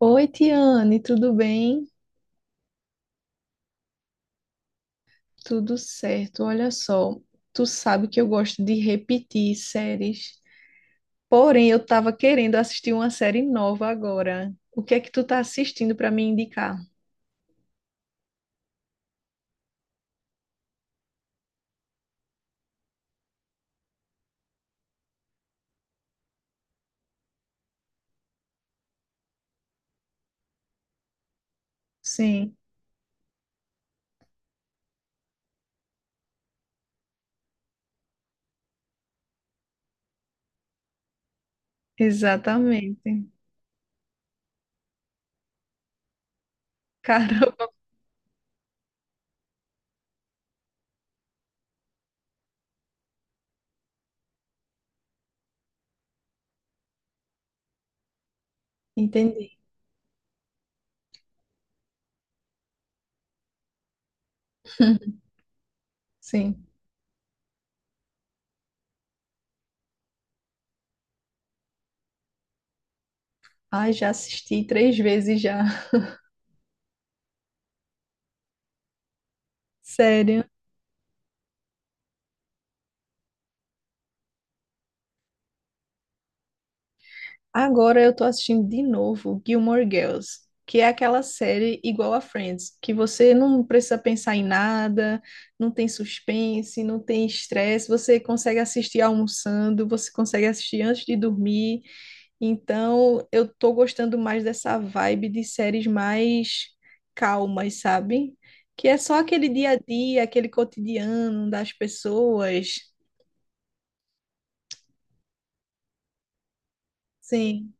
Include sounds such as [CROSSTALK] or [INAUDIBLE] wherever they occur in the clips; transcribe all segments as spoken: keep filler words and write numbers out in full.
Oi, Tiane, tudo bem? Tudo certo. Olha só, tu sabe que eu gosto de repetir séries. Porém, eu tava querendo assistir uma série nova agora. O que é que tu tá assistindo para me indicar? Sim, exatamente. [LAUGHS] Caramba, entendi. Sim. Ai, já assisti três vezes já. [LAUGHS] Sério. Agora eu tô assistindo de novo Gilmore Girls, que é aquela série igual a Friends, que você não precisa pensar em nada, não tem suspense, não tem estresse, você consegue assistir almoçando, você consegue assistir antes de dormir. Então, eu tô gostando mais dessa vibe de séries mais calmas, sabe? Que é só aquele dia a dia, aquele cotidiano das pessoas. Sim,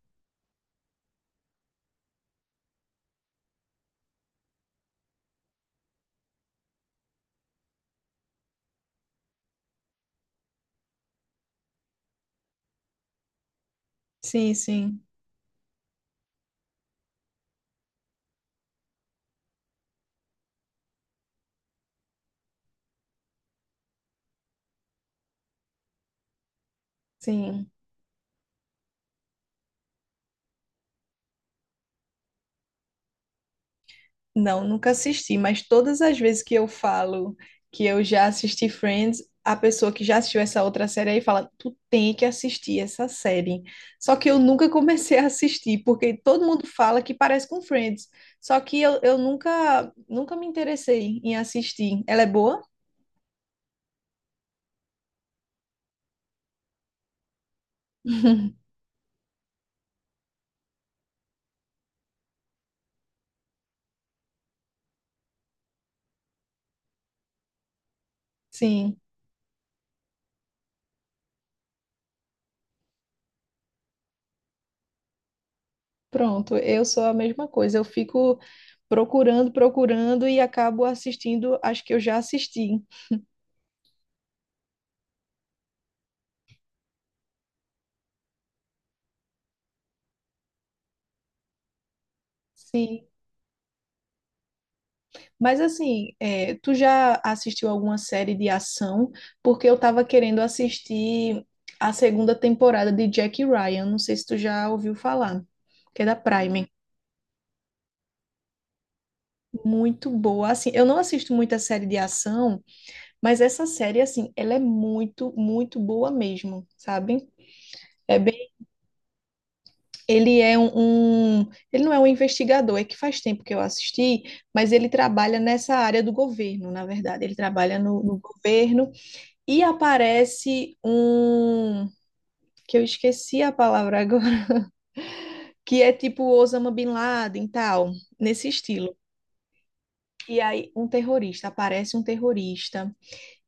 sim, sim, sim. Não, nunca assisti, mas todas as vezes que eu falo que eu já assisti Friends, a pessoa que já assistiu essa outra série aí fala: Tu tem que assistir essa série. Só que eu nunca comecei a assistir, porque todo mundo fala que parece com Friends. Só que eu, eu nunca, nunca me interessei em assistir. Ela é boa? [LAUGHS] Sim, pronto. Eu sou a mesma coisa. Eu fico procurando, procurando e acabo assistindo as que eu já assisti. Sim. Mas assim, é, tu já assistiu alguma série de ação? Porque eu tava querendo assistir a segunda temporada de Jack Ryan. Não sei se tu já ouviu falar, que é da Prime. Muito boa. Assim, eu não assisto muita série de ação, mas essa série, assim, ela é muito, muito boa mesmo, sabe? É bem, ele é um, um- Ele não é um investigador, é que faz tempo que eu assisti, mas ele trabalha nessa área do governo, na verdade. Ele trabalha no no governo. E aparece um que eu esqueci a palavra agora, [LAUGHS] que é tipo Osama Bin Laden e tal, nesse estilo. E aí, um terrorista, aparece um terrorista.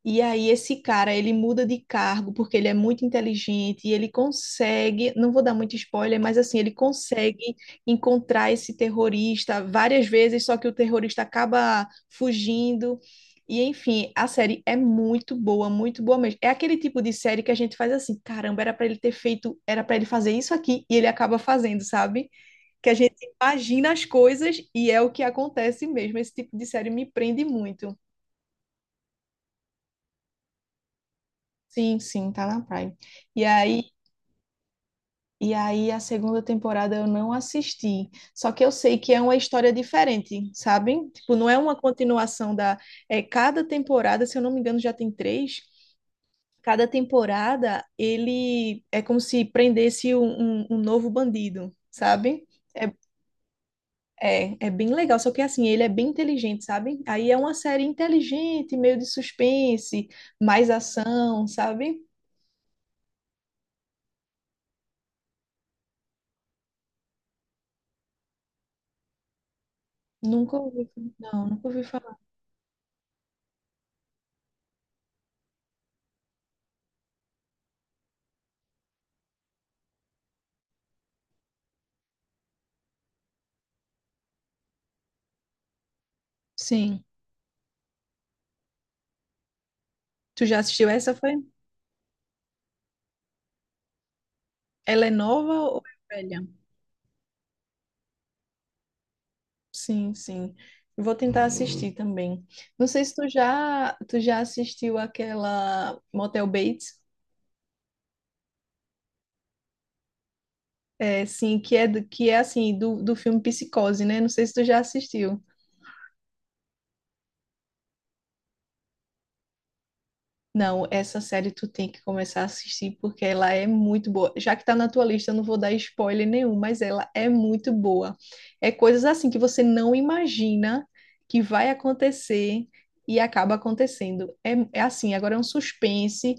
E aí esse cara, ele muda de cargo porque ele é muito inteligente e ele consegue, não vou dar muito spoiler, mas assim, ele consegue encontrar esse terrorista várias vezes, só que o terrorista acaba fugindo. E enfim, a série é muito boa, muito boa mesmo. É aquele tipo de série que a gente faz assim, caramba, era pra ele ter feito, era pra ele fazer isso aqui e ele acaba fazendo, sabe? Que a gente imagina as coisas e é o que acontece mesmo. Esse tipo de série me prende muito. Sim, sim, tá na Prime. E aí, e aí a segunda temporada eu não assisti. Só que eu sei que é uma história diferente, sabe? Tipo, não é uma continuação da. É, cada temporada, se eu não me engano, já tem três. Cada temporada ele é como se prendesse um, um, um novo bandido, sabe? É, é, é bem legal, só que assim, ele é bem inteligente, sabe? Aí é uma série inteligente, meio de suspense, mais ação, sabe? Nunca ouvi, não, nunca ouvi. Sim. Tu já assistiu essa, foi? Ela é nova ou é velha? Sim, sim. Eu Vou tentar assistir também. Não sei se tu já, tu já assistiu aquela Motel Bates, é, sim, que é, do, que é assim, do, do filme Psicose, né? Não sei se tu já assistiu. Não, essa série tu tem que começar a assistir porque ela é muito boa. Já que tá na tua lista, eu não vou dar spoiler nenhum, mas ela é muito boa. É coisas assim que você não imagina que vai acontecer e acaba acontecendo. É, é assim, agora é um suspense,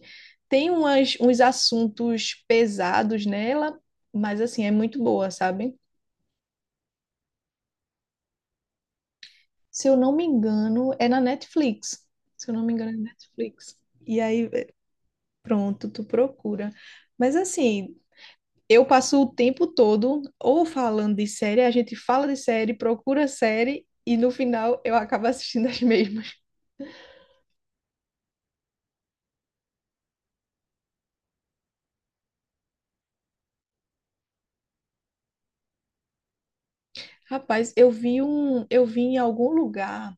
tem umas, uns assuntos pesados nela, mas assim, é muito boa, sabe? Se eu não me engano, é na Netflix. Se eu não me engano, é na Netflix. E aí, eh, pronto, tu procura. Mas assim, eu passo o tempo todo ou falando de série, a gente fala de série, procura série e no final eu acabo assistindo as [LAUGHS] mesmas. Rapaz, eu vi um, eu vi em algum lugar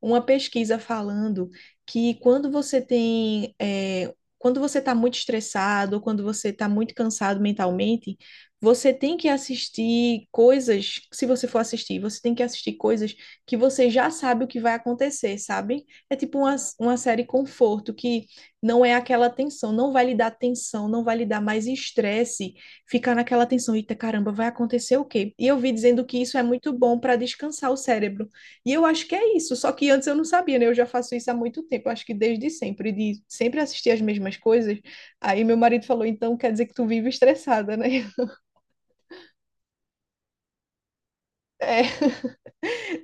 uma pesquisa falando que quando você tem, é, quando você está muito estressado, quando você está muito cansado mentalmente, você tem que assistir coisas, se você for assistir, você tem que assistir coisas que você já sabe o que vai acontecer, sabe? É tipo uma, uma série conforto, que não é aquela tensão, não vai lhe dar tensão, não vai lhe dar mais estresse ficar naquela tensão, eita caramba, vai acontecer o quê? E eu vi dizendo que isso é muito bom para descansar o cérebro. E eu acho que é isso, só que antes eu não sabia, né? Eu já faço isso há muito tempo, eu acho que desde sempre, de sempre assistir as mesmas coisas. Aí meu marido falou, então quer dizer que tu vive estressada, né? [LAUGHS] É.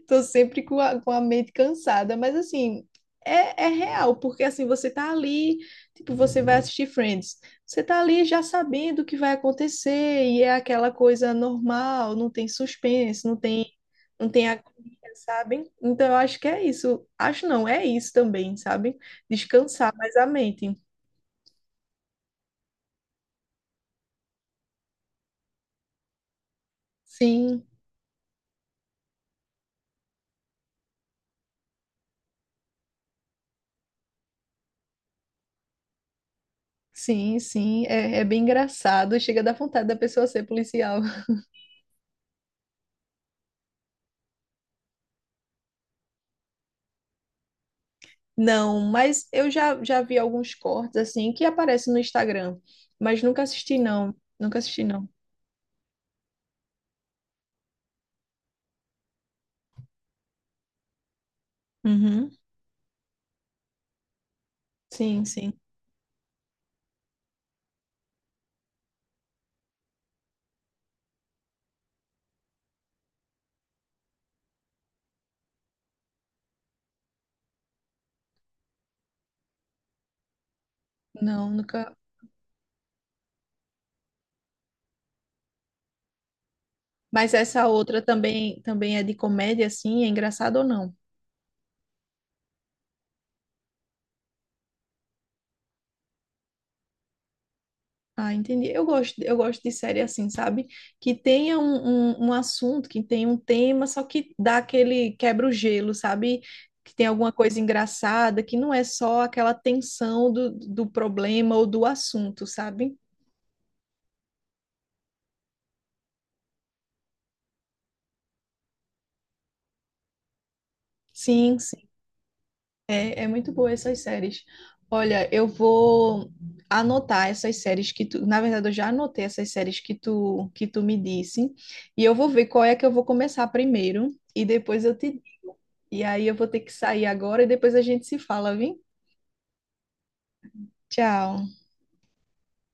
Tô sempre com a, com a mente cansada, mas assim, é, é real, porque assim, você tá ali, tipo, você vai assistir Friends, você tá ali já sabendo o que vai acontecer, e é aquela coisa normal, não tem suspense, não tem, não tem agonia, sabe? Então eu acho que é isso. Acho não, é isso também, sabe? Descansar mais a mente. Sim, sim, sim, é, é bem engraçado, chega a dar vontade da pessoa ser policial. Não, mas eu já, já vi alguns cortes assim que aparecem no Instagram, mas nunca assisti não, nunca assisti não. Uhum. Sim, sim. Não, nunca. Mas essa outra também também é de comédia assim, é engraçado ou não? Ah, entendi. Eu gosto eu gosto de série assim, sabe? Que tenha um, um, um assunto, que tenha um tema, só que dá aquele quebra o gelo, sabe? Que tem alguma coisa engraçada, que não é só aquela tensão do, do problema ou do assunto, sabe? Sim, sim. É, é muito boa essas séries. Olha, eu vou anotar essas séries que tu, na verdade eu já anotei essas séries que tu que tu me disse, e eu vou ver qual é que eu vou começar primeiro e depois eu te e aí eu vou ter que sair agora e depois a gente se fala, viu? Tchau.